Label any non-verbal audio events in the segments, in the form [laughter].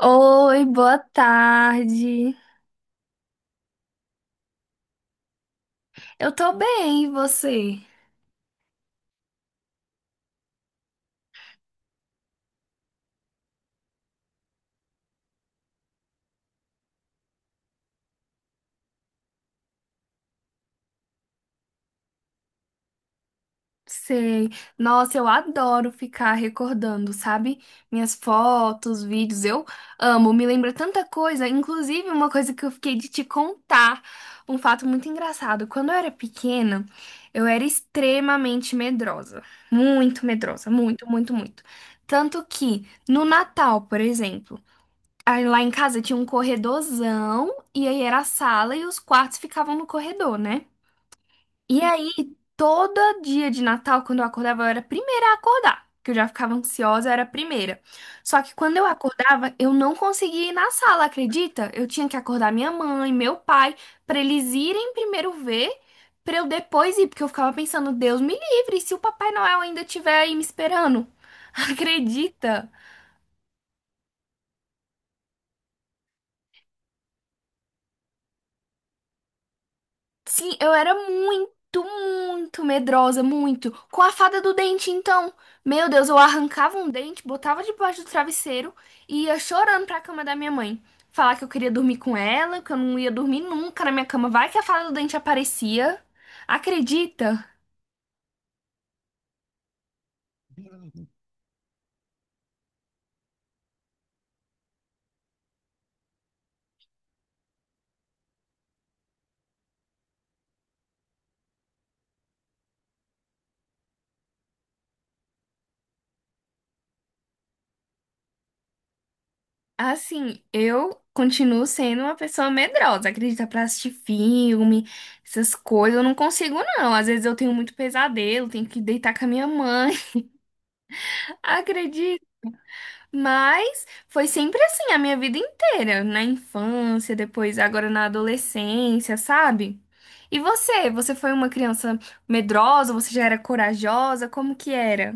Oi, boa tarde. Eu tô bem, e você? Sei. Nossa, eu adoro ficar recordando, sabe? Minhas fotos, vídeos, eu amo. Me lembra tanta coisa, inclusive uma coisa que eu fiquei de te contar, um fato muito engraçado. Quando eu era pequena, eu era extremamente medrosa. Muito medrosa, muito, muito, muito. Tanto que no Natal, por exemplo, aí lá em casa tinha um corredorzão, e aí era a sala e os quartos ficavam no corredor, né? E aí, todo dia de Natal, quando eu acordava, eu era a primeira a acordar, que eu já ficava ansiosa, eu era a primeira. Só que quando eu acordava, eu não conseguia ir na sala, acredita? Eu tinha que acordar minha mãe, meu pai, pra eles irem primeiro ver, pra eu depois ir, porque eu ficava pensando, Deus me livre, se o Papai Noel ainda estiver aí me esperando. [laughs] Acredita? Sim, eu era muito, muito medrosa, muito. Com a fada do dente, então. Meu Deus, eu arrancava um dente, botava debaixo do travesseiro e ia chorando pra cama da minha mãe. Falar que eu queria dormir com ela, que eu não ia dormir nunca na minha cama. Vai que a fada do dente aparecia. Acredita? Assim, eu continuo sendo uma pessoa medrosa. Acredita, pra assistir filme, essas coisas, eu não consigo, não. Às vezes eu tenho muito pesadelo, tenho que deitar com a minha mãe. [laughs] Acredita? Mas foi sempre assim a minha vida inteira, na infância, depois agora na adolescência, sabe? E você? Você foi uma criança medrosa? Você já era corajosa? Como que era?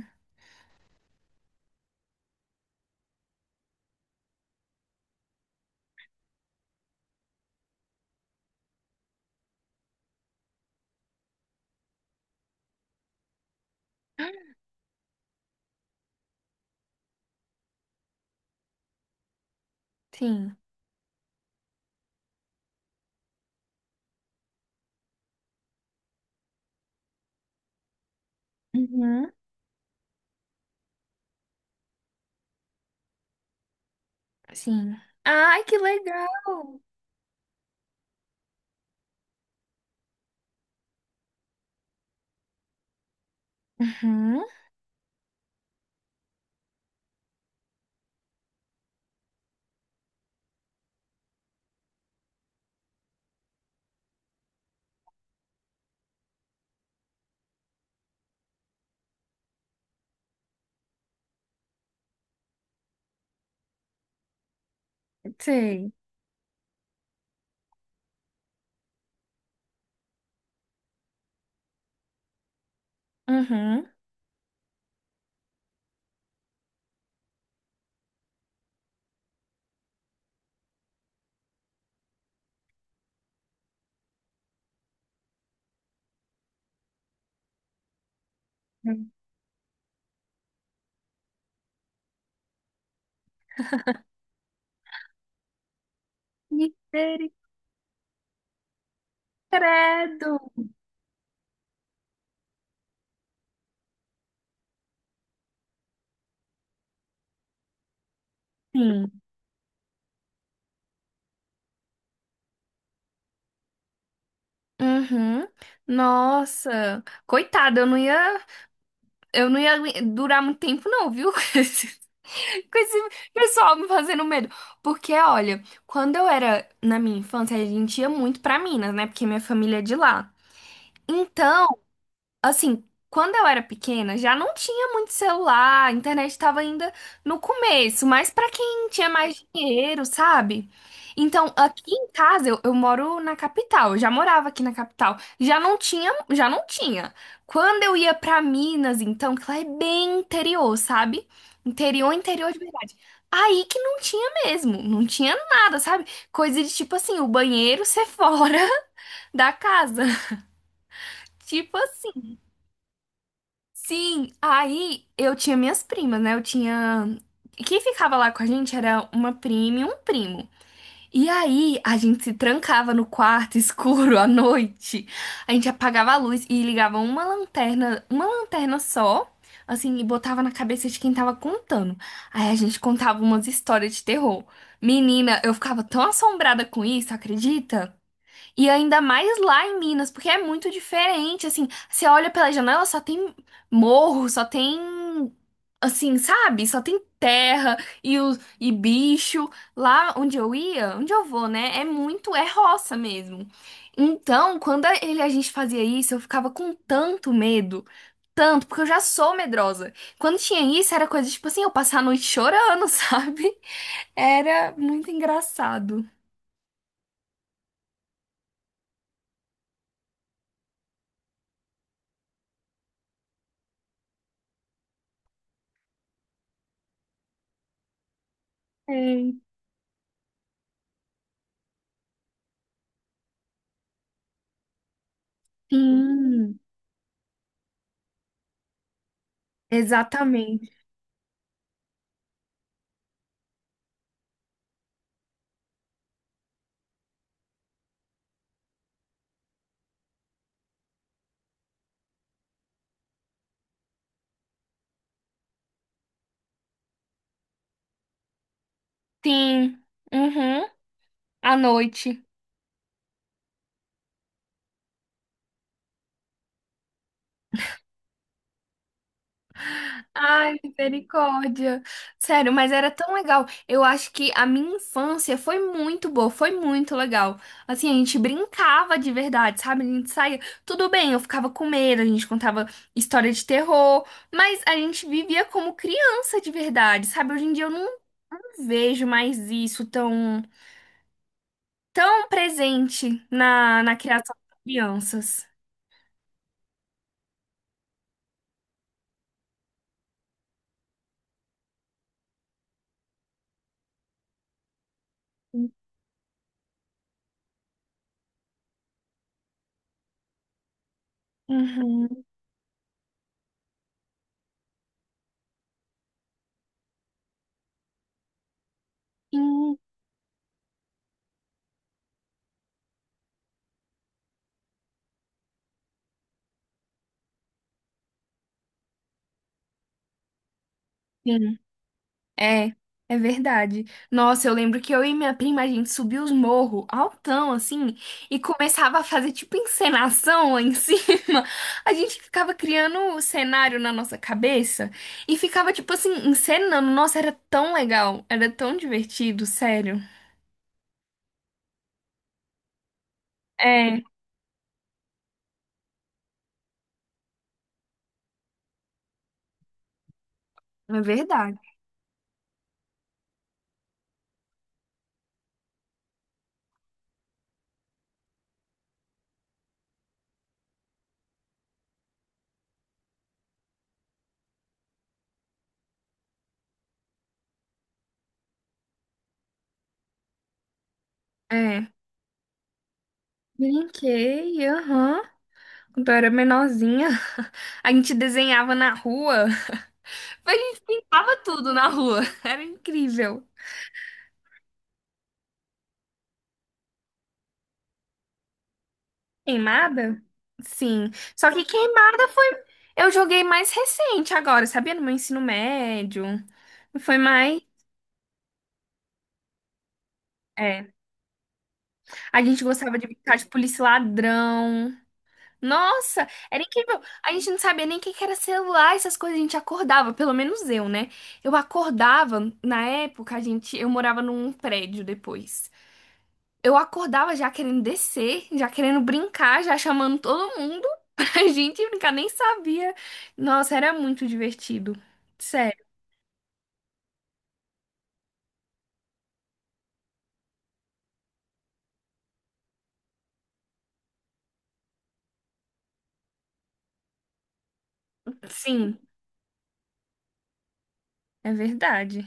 Sim. Uhum. Sim. Ai, que legal! Uhum. Sei. Uhum. Sei. Credo. Sim. Uhum. Nossa, coitada, eu não ia durar muito tempo não, viu? [laughs] [laughs] Com esse pessoal me fazendo medo. Porque, olha, quando eu era na minha infância, a gente ia muito pra Minas, né? Porque minha família é de lá. Então, assim, quando eu era pequena, já não tinha muito celular, a internet estava ainda no começo, mas para quem tinha mais dinheiro, sabe? Então, aqui em casa, eu moro na capital, eu já morava aqui na capital, já não tinha. Quando eu ia para Minas, então, que lá é bem interior, sabe? Interior, interior de verdade. Aí que não tinha mesmo, não tinha nada, sabe? Coisa de tipo assim, o banheiro ser fora [laughs] da casa. Tipo assim. Sim, aí eu tinha minhas primas, né? Eu tinha. Quem ficava lá com a gente era uma prima e um primo. E aí a gente se trancava no quarto [laughs] escuro à noite. A gente apagava a luz e ligava uma lanterna só, assim, e botava na cabeça de quem tava contando. Aí a gente contava umas histórias de terror. Menina, eu ficava tão assombrada com isso, acredita? E ainda mais lá em Minas, porque é muito diferente, assim, você olha pela janela, só tem morro, só tem, assim, sabe? Só tem terra e, o, e bicho. Lá onde eu ia, onde eu vou, né? É muito, é roça mesmo. Então, quando a gente fazia isso, eu ficava com tanto medo, tanto, porque eu já sou medrosa. Quando tinha isso, era coisa, tipo assim, eu passar a noite chorando, [laughs] sabe? Era muito engraçado. É. Sim. Exatamente. Sim. Uhum. À noite. Ai, misericórdia. Sério, mas era tão legal. Eu acho que a minha infância foi muito boa, foi muito legal. Assim, a gente brincava de verdade, sabe? A gente saía. Tudo bem, eu ficava com medo, a gente contava história de terror, mas a gente vivia como criança de verdade, sabe? Hoje em dia eu não vejo mais isso tão, tão presente na criação das crianças. Uhum. Sim. É, é verdade. Nossa, eu lembro que eu e minha prima, a gente subia os morros altão, assim, e começava a fazer tipo encenação lá em [laughs] cima. A gente ficava criando o cenário na nossa cabeça e ficava, tipo assim, encenando. Nossa, era tão legal, era tão divertido, sério. É, é verdade. É. Brinquei, aham. Quando eu era menorzinha, [laughs] a gente desenhava na rua. A gente pintava tudo na rua. [laughs] Era incrível. Queimada? Sim. Só que queimada foi. Eu joguei mais recente agora, sabia? No meu ensino médio. Foi mais. É. A gente gostava de brincar de polícia e ladrão. Nossa, era incrível. A gente não sabia nem o que que era celular, essas coisas. A gente acordava, pelo menos eu, né? Eu acordava, na época, a gente, eu morava num prédio depois. Eu acordava já querendo descer, já querendo brincar, já chamando todo mundo [laughs] pra gente brincar, nem sabia. Nossa, era muito divertido. Sério. Sim, é verdade.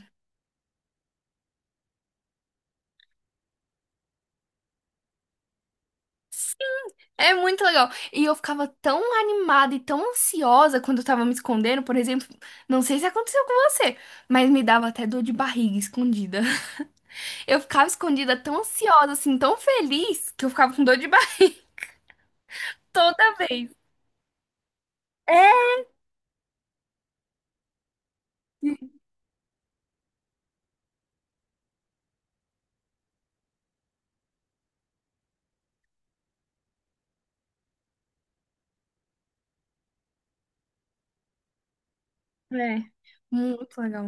É muito legal. E eu ficava tão animada e tão ansiosa quando eu tava me escondendo, por exemplo. Não sei se aconteceu com você, mas me dava até dor de barriga escondida. [laughs] Eu ficava escondida tão ansiosa, assim, tão feliz, que eu ficava com dor de barriga [laughs] toda vez. É, é. Muito legal.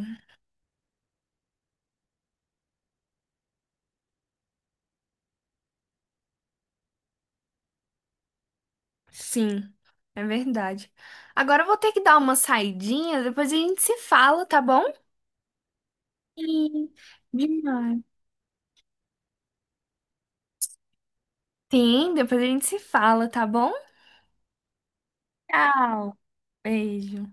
Sim, é verdade. Agora eu vou ter que dar uma saidinha, depois a gente se fala, tá bom? Sim, demais. Sim, depois a gente se fala, tá bom? Tchau. Beijo.